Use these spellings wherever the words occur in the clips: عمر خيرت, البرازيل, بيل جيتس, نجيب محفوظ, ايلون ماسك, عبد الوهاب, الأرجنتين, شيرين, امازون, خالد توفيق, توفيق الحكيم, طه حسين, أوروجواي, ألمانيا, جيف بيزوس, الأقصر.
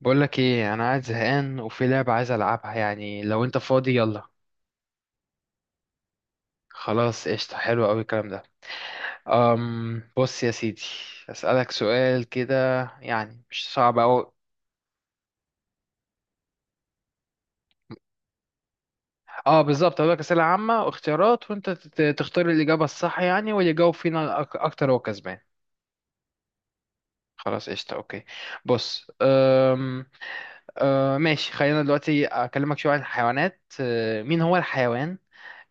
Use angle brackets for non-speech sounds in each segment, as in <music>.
بقولك ايه، انا قاعد زهقان وفي لعبة عايز العبها، يعني لو انت فاضي يلا. خلاص، قشطة. حلو قوي الكلام ده. بص يا سيدي. اسألك سؤال كده، يعني مش صعب أوي. اه بالظبط، هقولك أسئلة عامة واختيارات، وانت تختار الإجابة الصح، يعني واللي يجاوب فينا اكتر هو كسبان. خلاص، قشطة، اوكي. بص، أم أه ماشي. خلينا دلوقتي اكلمك شوية عن الحيوانات. مين هو الحيوان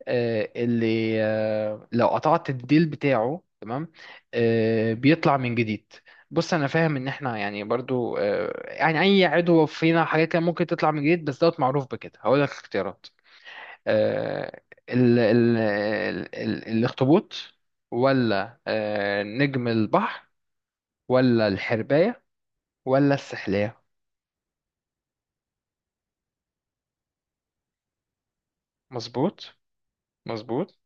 اللي لو قطعت الديل بتاعه، تمام، بيطلع من جديد؟ بص، انا فاهم ان احنا يعني برضو يعني اي عضو فينا حاجات كان ممكن تطلع من جديد، بس دوت معروف بكده. هقول لك اختيارات. آه، ال ال ال ال الاخطبوط، ولا نجم البحر، ولا الحرباية، ولا السحلية. مظبوط. مظبوط.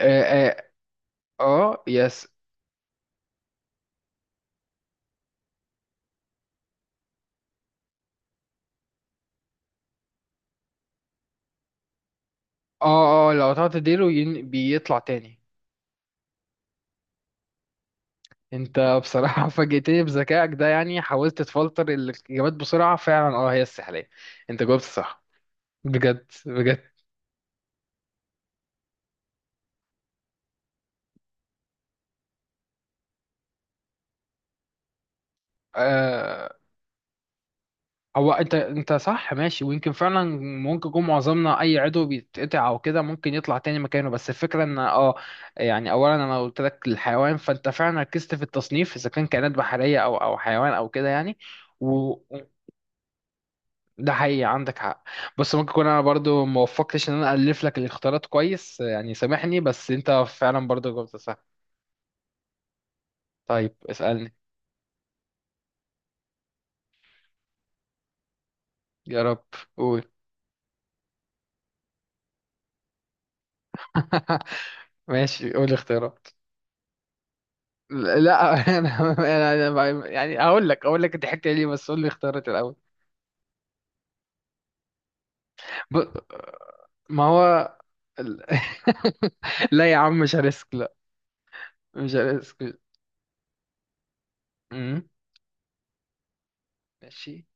اه, آه. يس. اه، اه، لو قطعت ديله بيطلع تاني. انت بصراحة <laughs> فاجئتني بذكائك ده، يعني حاولت تفلتر الإجابات بسرعة فعلا. اه هي السحلية. انت جاوبت صح. بجد بجد. آه. هو انت، صح ماشي، ويمكن فعلا ممكن يكون معظمنا اي عضو بيتقطع او كده ممكن يطلع تاني مكانه. بس الفكرة ان اه، يعني اولا انا قلت لك الحيوان، فانت فعلا ركزت في التصنيف اذا كان كائنات بحرية او حيوان او كده يعني. و- ده حقيقي، عندك حق. بص، ممكن اكون انا برضو ما وفقتش ان انا الف لك الاختيارات كويس، يعني سامحني، بس انت فعلا برضو جاوبت صح. طيب اسالني. يا رب، قول. <laughs> ماشي، قول اختيارات. لا <laughs> انا انا يعني اقول لك، ضحكت ليه، بس قول لي اختيارات الاول. ب... ما هو ال- <laughs> لا يا عم، مش هريسك لا. مش هريسك. مم. ماشي.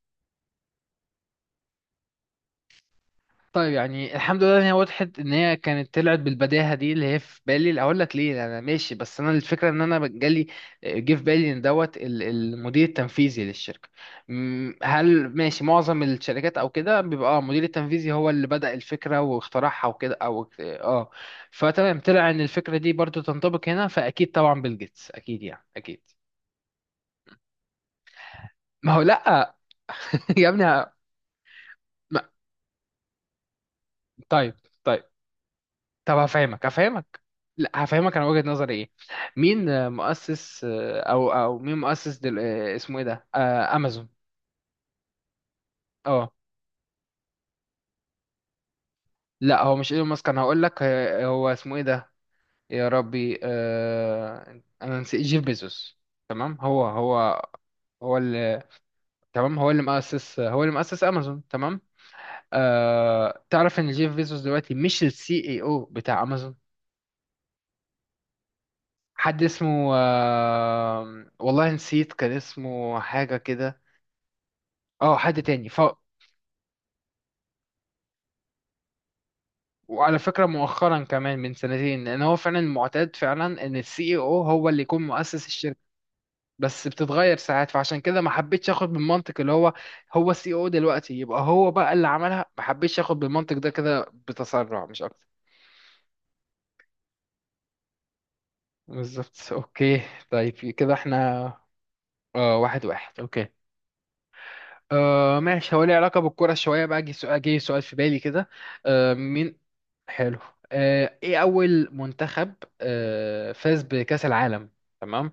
طيب يعني الحمد لله ان هي وضحت، ان هي كانت طلعت بالبداهه دي اللي هي في بالي. اقول لك ليه، انا ماشي، بس انا الفكره ان انا جالي جه في بالي ان دوت المدير التنفيذي للشركه. هل ماشي معظم الشركات او كده بيبقى اه المدير التنفيذي هو اللي بدأ الفكره واخترعها وكده، او اه، فتمام طلع ان الفكره دي برضو تنطبق هنا. فاكيد طبعا بيل جيتس، اكيد يعني اكيد. ما هو لا. <laughs> يا ابني. ما- طيب، طيب. طب هفهمك، لا، هفهمك انا وجهة نظري ايه. مين مؤسس او مين مؤسس اسمه ايه ده، امازون. اه، لا هو مش ايلون ماسك. انا هقول لك هو اسمه ايه ده. يا ربي، انا نسيت. جيف بيزوس، تمام. هو اللي، تمام، هو اللي مؤسس، امازون، تمام. تعرف ان جيف بيزوس دلوقتي مش السي اي او بتاع امازون. حد اسمه والله نسيت، كان اسمه حاجة كده. اه، حد تاني ف. وعلى فكرة مؤخرا كمان من سنتين، ان هو فعلا معتاد فعلا ان السي او هو اللي يكون مؤسس الشركة، بس بتتغير ساعات. فعشان كده ما حبيتش اخد بالمنطق اللي هو، هو السي او دلوقتي يبقى هو بقى اللي عملها. ما حبيتش اخد بالمنطق ده كده، بتسرع مش اكتر. بالظبط، اوكي. طيب كده احنا، اه واحد واحد، اوكي. آه ماشي. هو ليه علاقة بالكرة شوية بقى. جه سؤال، في بالي كده. آه مين، حلو. آه ايه أول منتخب فاز بكأس العالم؟ تمام.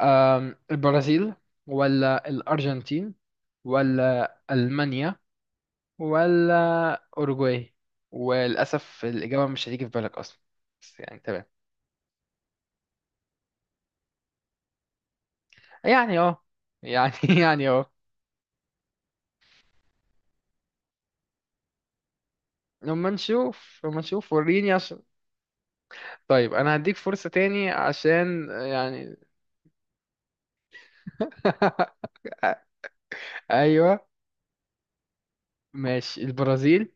آه، البرازيل، ولا الأرجنتين، ولا ألمانيا، ولا أوروجواي؟ وللأسف الإجابة مش هتيجي في بالك أصلا، بس يعني تمام. يعني اه، يعني <laughs> يعني اه. لما نشوف، وريني عشان. طيب انا هديك فرصة تاني عشان يعني. <laughs> ايوه، ماشي، البرازيل،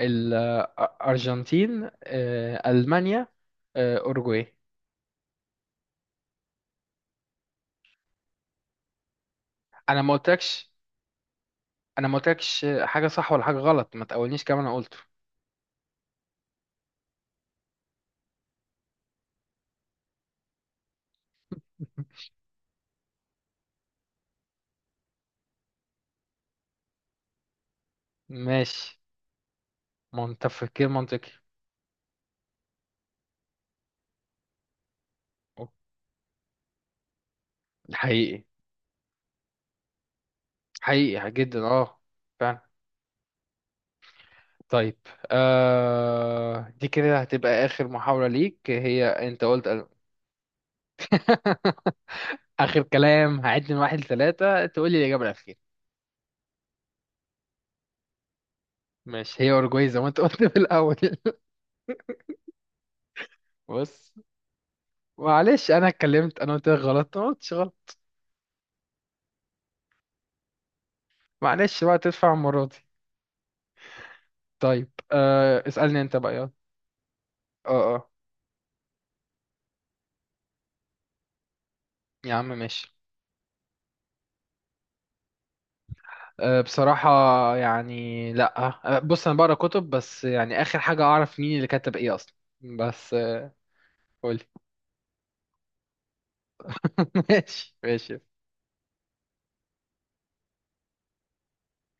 الارجنتين، المانيا، اوروجواي. انا ما قلتلكش، انا ما قلتلكش حاجه صح ولا حاجه غلط. ما تقولنيش كمان انا قلته. <laughs> ماشي، منطق تفكير منطقي. أوك. حقيقي. حقيقي جدا اه. فعلا. طيب، آه دي كده هتبقى اخر محاولة ليك. هي انت قلت <laughs> ألم. اخر كلام، هعد من واحد لثلاثة تقول لي الاجابة الاخيرة. ماشي، هي أوروجواي زي ما أنت قلت في الأول. <laughs> بص، معلش أنا اتكلمت، أنا قلت لك غلط، أنا ما قلتش غلط. معلش بقى، تدفع المرة دي. طيب أه اسألني أنت بقى، يلا. أه أه. يا عم ماشي. أه بصراحة، يعني لأ. أه بص، أنا بقرا كتب، بس يعني آخر حاجة أعرف مين اللي كتب إيه أصلا. بس أه، قولي. <laughs> ماشي ماشي.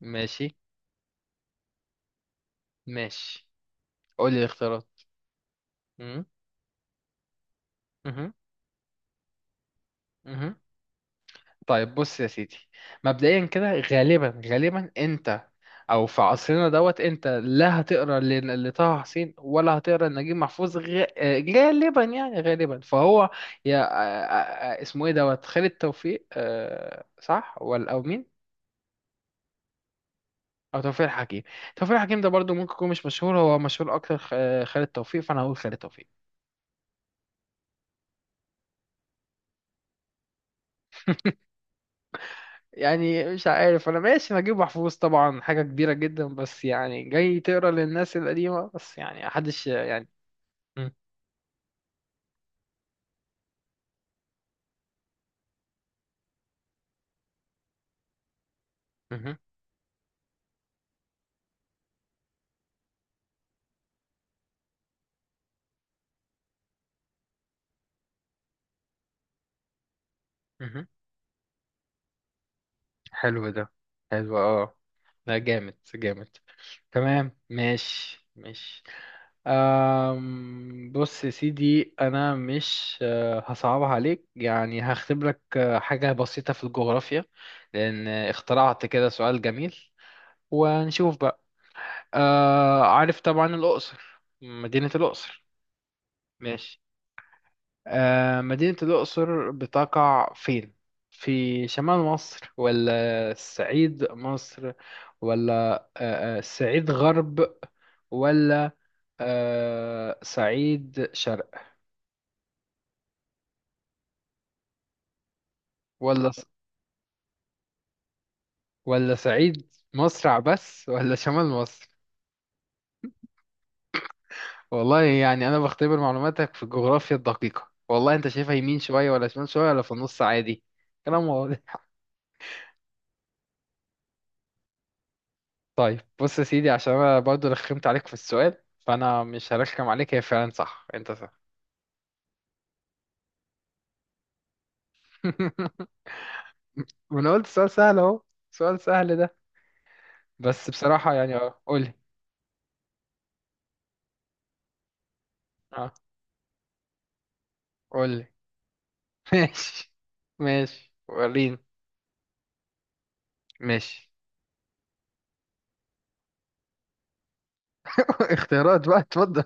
ماشي ماشي، قولي الاختيارات. مهم. مهم. طيب بص يا سيدي، مبدئيا كده، غالبا انت، او في عصرنا دوت، انت لا هتقرا لطه حسين، ولا هتقرا لنجيب محفوظ، غالبا يعني، غالبا. فهو يا اسمه ايه دوت، خالد توفيق، صح، ولا او مين؟ او توفيق الحكيم. توفيق الحكيم ده برضو ممكن يكون مش مشهور. هو مشهور اكتر خالد توفيق. فانا هقول خالد توفيق. يعني مش عارف، انا ماشي. نجيب محفوظ طبعا حاجه كبيره جدا، بس يعني جاي تقرا للناس القديمه، بس يعني محدش يعني. مم. مهم. مهم. حلو ده. حلو اه. لا جامد جامد. تمام، ماشي ماشي. بص يا سيدي، انا مش هصعبها عليك يعني. هختبرك لك حاجة بسيطة في الجغرافيا، لان اخترعت كده سؤال جميل. وهنشوف بقى. أه عارف طبعا الاقصر، مدينة الاقصر. ماشي. مدينة الأقصر بتقع فين؟ في شمال مصر، ولا الصعيد مصر، ولا الصعيد غرب، ولا صعيد شرق، ولا، صعيد مصر عبس، ولا شمال مصر؟ والله يعني أنا بختبر معلوماتك في الجغرافيا الدقيقة. والله أنت شايفها يمين شوية، ولا شمال شوية، ولا في النص عادي. كلام واضح. طيب بص يا سيدي، عشان انا برضو رخمت عليك في السؤال، فانا مش هرخم عليك. هي فعلا صح، انت صح. <laughs> وانا قلت سؤال سهل اهو، سؤال سهل ده. بس بصراحة يعني اه قولي. اه قولي. <laughs> ماشي ماشي. وريني. ماشي. <laughs> اختيارات بقى، اتفضل.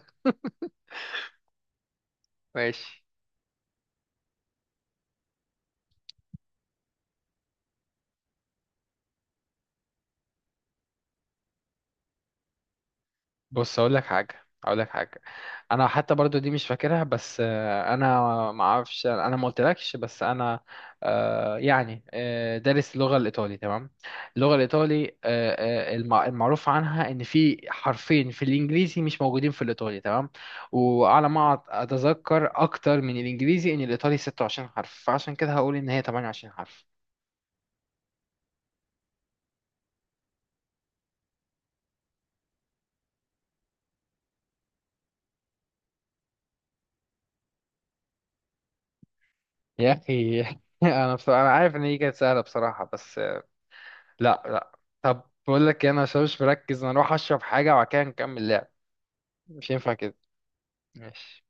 ماشي. بص اقول لك حاجه، انا حتى برضو دي مش فاكرها، بس انا ما اعرفش، انا ما قلتلكش، بس انا يعني دارس اللغه الايطالي، تمام. اللغه الايطالي المعروف عنها ان في حرفين في الانجليزي مش موجودين في الايطالي، تمام. وعلى ما اتذكر اكتر من الانجليزي ان الايطالي 26 حرف، فعشان كده هقول ان هي 28 حرف. يا اخي <laughs> انا بصراحة انا عارف ان هي كانت سهله بصراحه بس. لا لا. طب بقول لك إيه، انا عشان مش مركز، انا اروح اشرب حاجه، وبعد كده نكمل لعب. مش ينفع كده. ماشي.